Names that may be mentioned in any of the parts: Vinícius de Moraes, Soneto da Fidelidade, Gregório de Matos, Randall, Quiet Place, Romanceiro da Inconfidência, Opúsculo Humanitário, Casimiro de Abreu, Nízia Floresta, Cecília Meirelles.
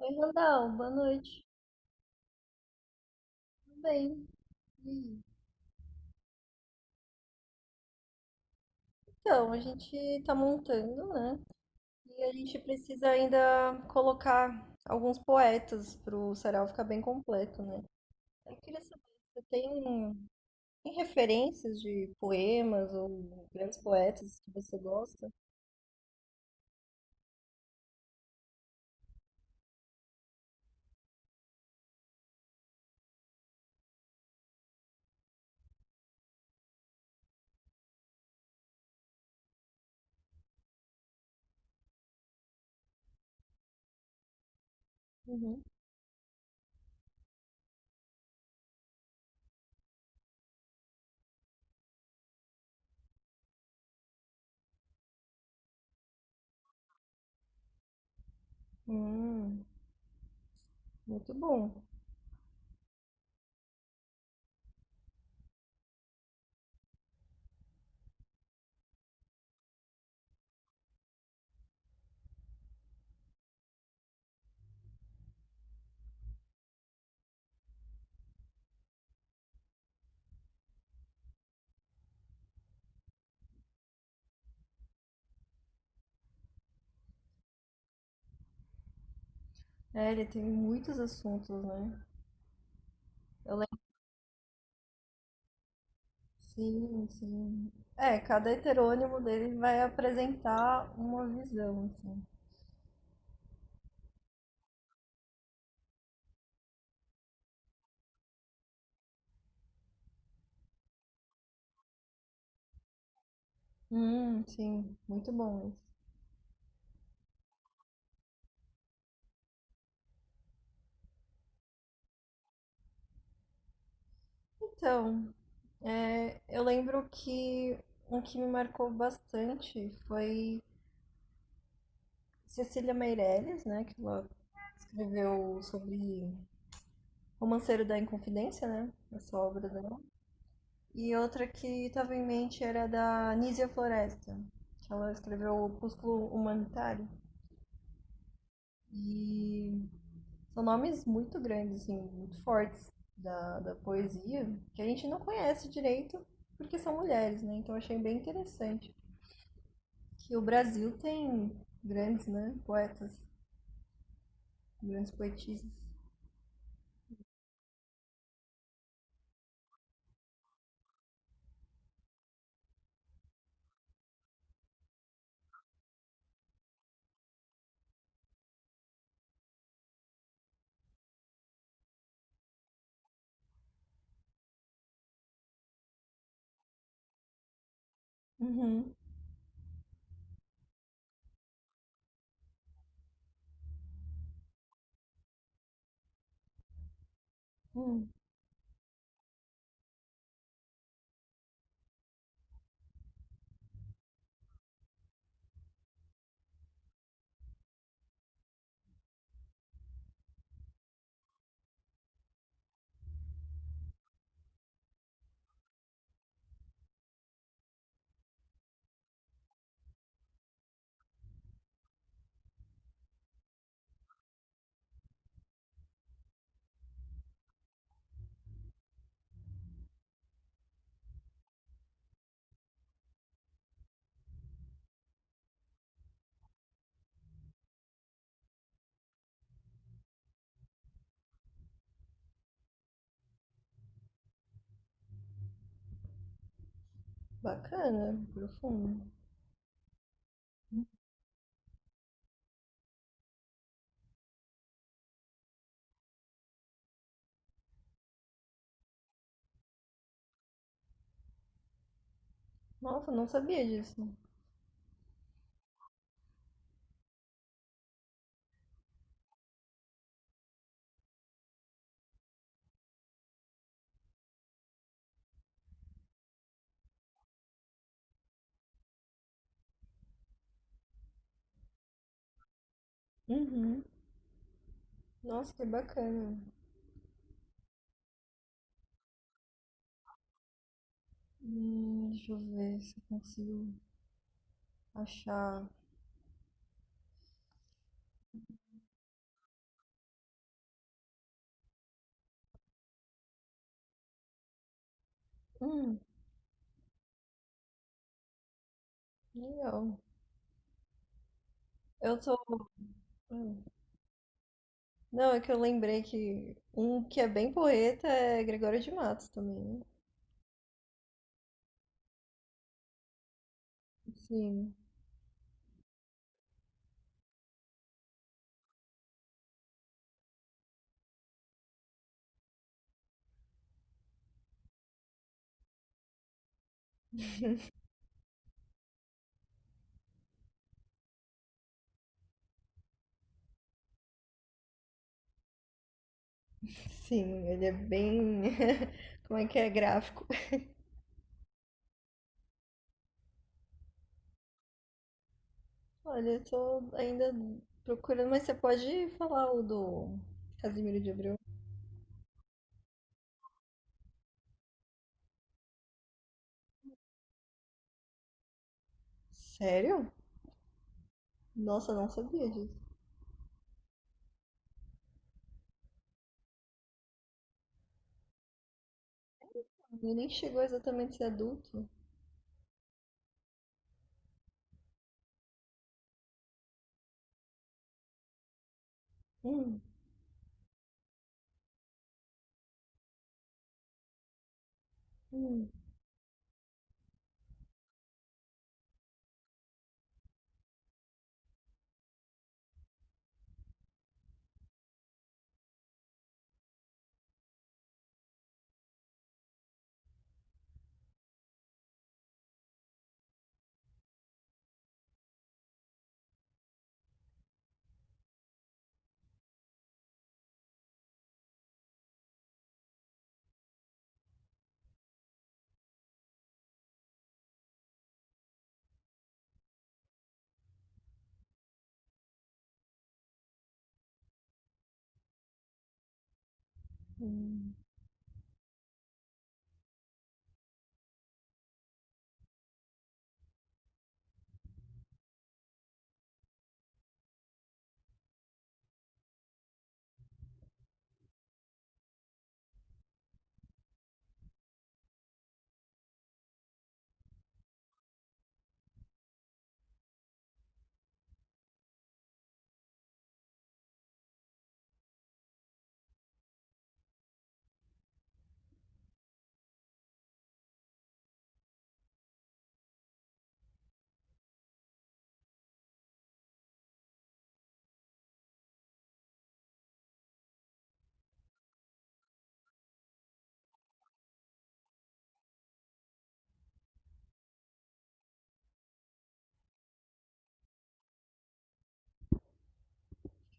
Oi, Randall, boa noite. Tudo bem? E aí? Então, a gente está montando, né? E a gente precisa ainda colocar alguns poetas para o sarau ficar bem completo, né? Eu queria saber, se você tem referências de poemas ou grandes poetas que você gosta? Uhum. Hum, muito bom. É, ele tem muitos assuntos, né? Eu lembro, sim, sim. É, cada heterônimo dele vai apresentar uma visão, assim. Sim, muito bom isso. Então, é, eu lembro que um que me marcou bastante foi Cecília Meirelles, né? Que ela escreveu sobre Romanceiro da Inconfidência, né? Essa obra dela. E outra que estava em mente era da Nízia Floresta, que ela escreveu Opúsculo Humanitário. E são nomes muito grandes, assim, muito fortes da poesia, que a gente não conhece direito porque são mulheres, né? Então eu achei bem interessante que o Brasil tem grandes, né, poetas, grandes poetisas. Uhum. Hum, bacana, profundo. Nossa, não sabia disso. Uhum. Nossa, que bacana. Deixa eu ver se eu consigo achar. Hum, legal. Eu tô. Hum. Não, é que eu lembrei que um que é bem porreta é Gregório de Matos também, né? Sim, sim, ele é bem. Como é que é? Gráfico. Olha, eu tô ainda procurando, mas você pode falar o do Casimiro de Abreu? Sério? Nossa, não sabia disso. Ele nem chegou exatamente a ser adulto. Hum, hum, hum.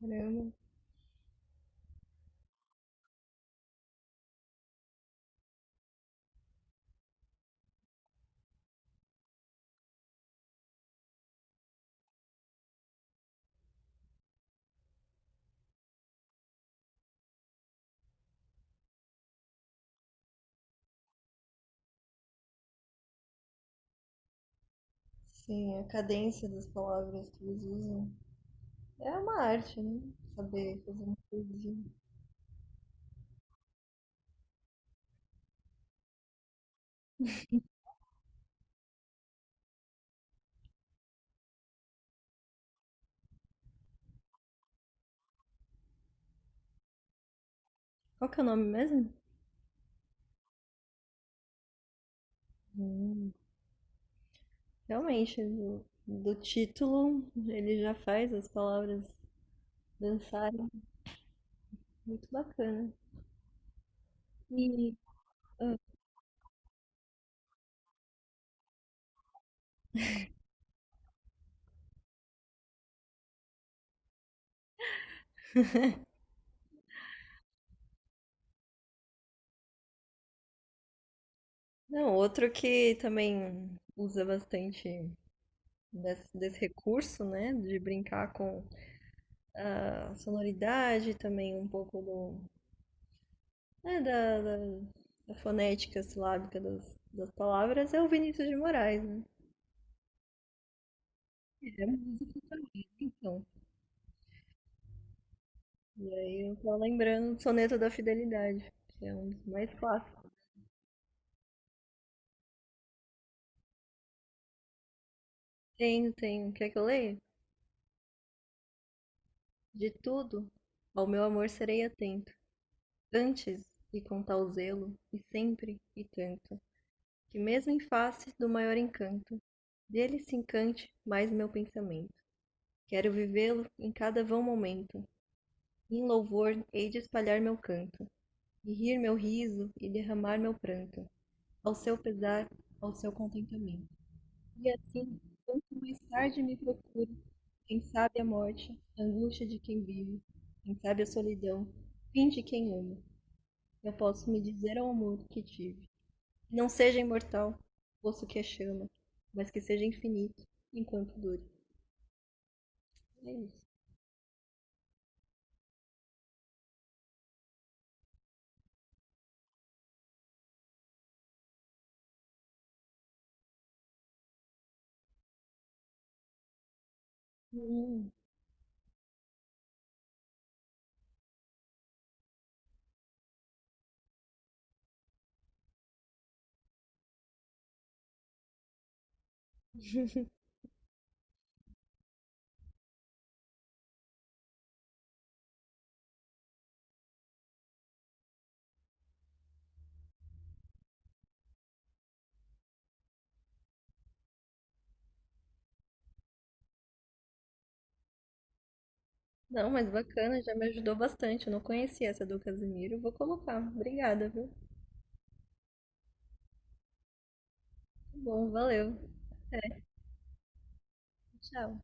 Caramba. Sim, a cadência das palavras que eles usam. É uma arte, né? Saber fazer um poesia. Qual que é o nome mesmo? Hum, realmente, do título ele já faz as palavras dançarem, muito bacana. E ah, não, outro que também usa bastante desse recurso, né, de brincar com a sonoridade, também um pouco do, é, da fonética silábica das palavras, é o Vinícius de Moraes, né? É música também, então. E aí eu tô lembrando do Soneto da Fidelidade, que é um dos mais clássicos. Tenho, tenho. Quer que eu leia? De tudo, ao meu amor serei atento, antes e com tal zelo, e sempre e tanto, que mesmo em face do maior encanto, dele se encante mais meu pensamento. Quero vivê-lo em cada vão momento, e em louvor hei de espalhar meu canto, e rir meu riso e derramar meu pranto, ao seu pesar, ao seu contentamento. E assim, quanto mais tarde me procure, quem sabe a morte, a angústia de quem vive, quem sabe a solidão, fim de quem ama. Eu posso me dizer ao amor que tive. Não seja imortal, poço que a chama, mas que seja infinito enquanto dure. É isso. Hum. Não, mas bacana, já me ajudou bastante. Eu não conhecia essa do Casimiro. Vou colocar. Obrigada, viu? Tá. Bom, valeu. Tchau.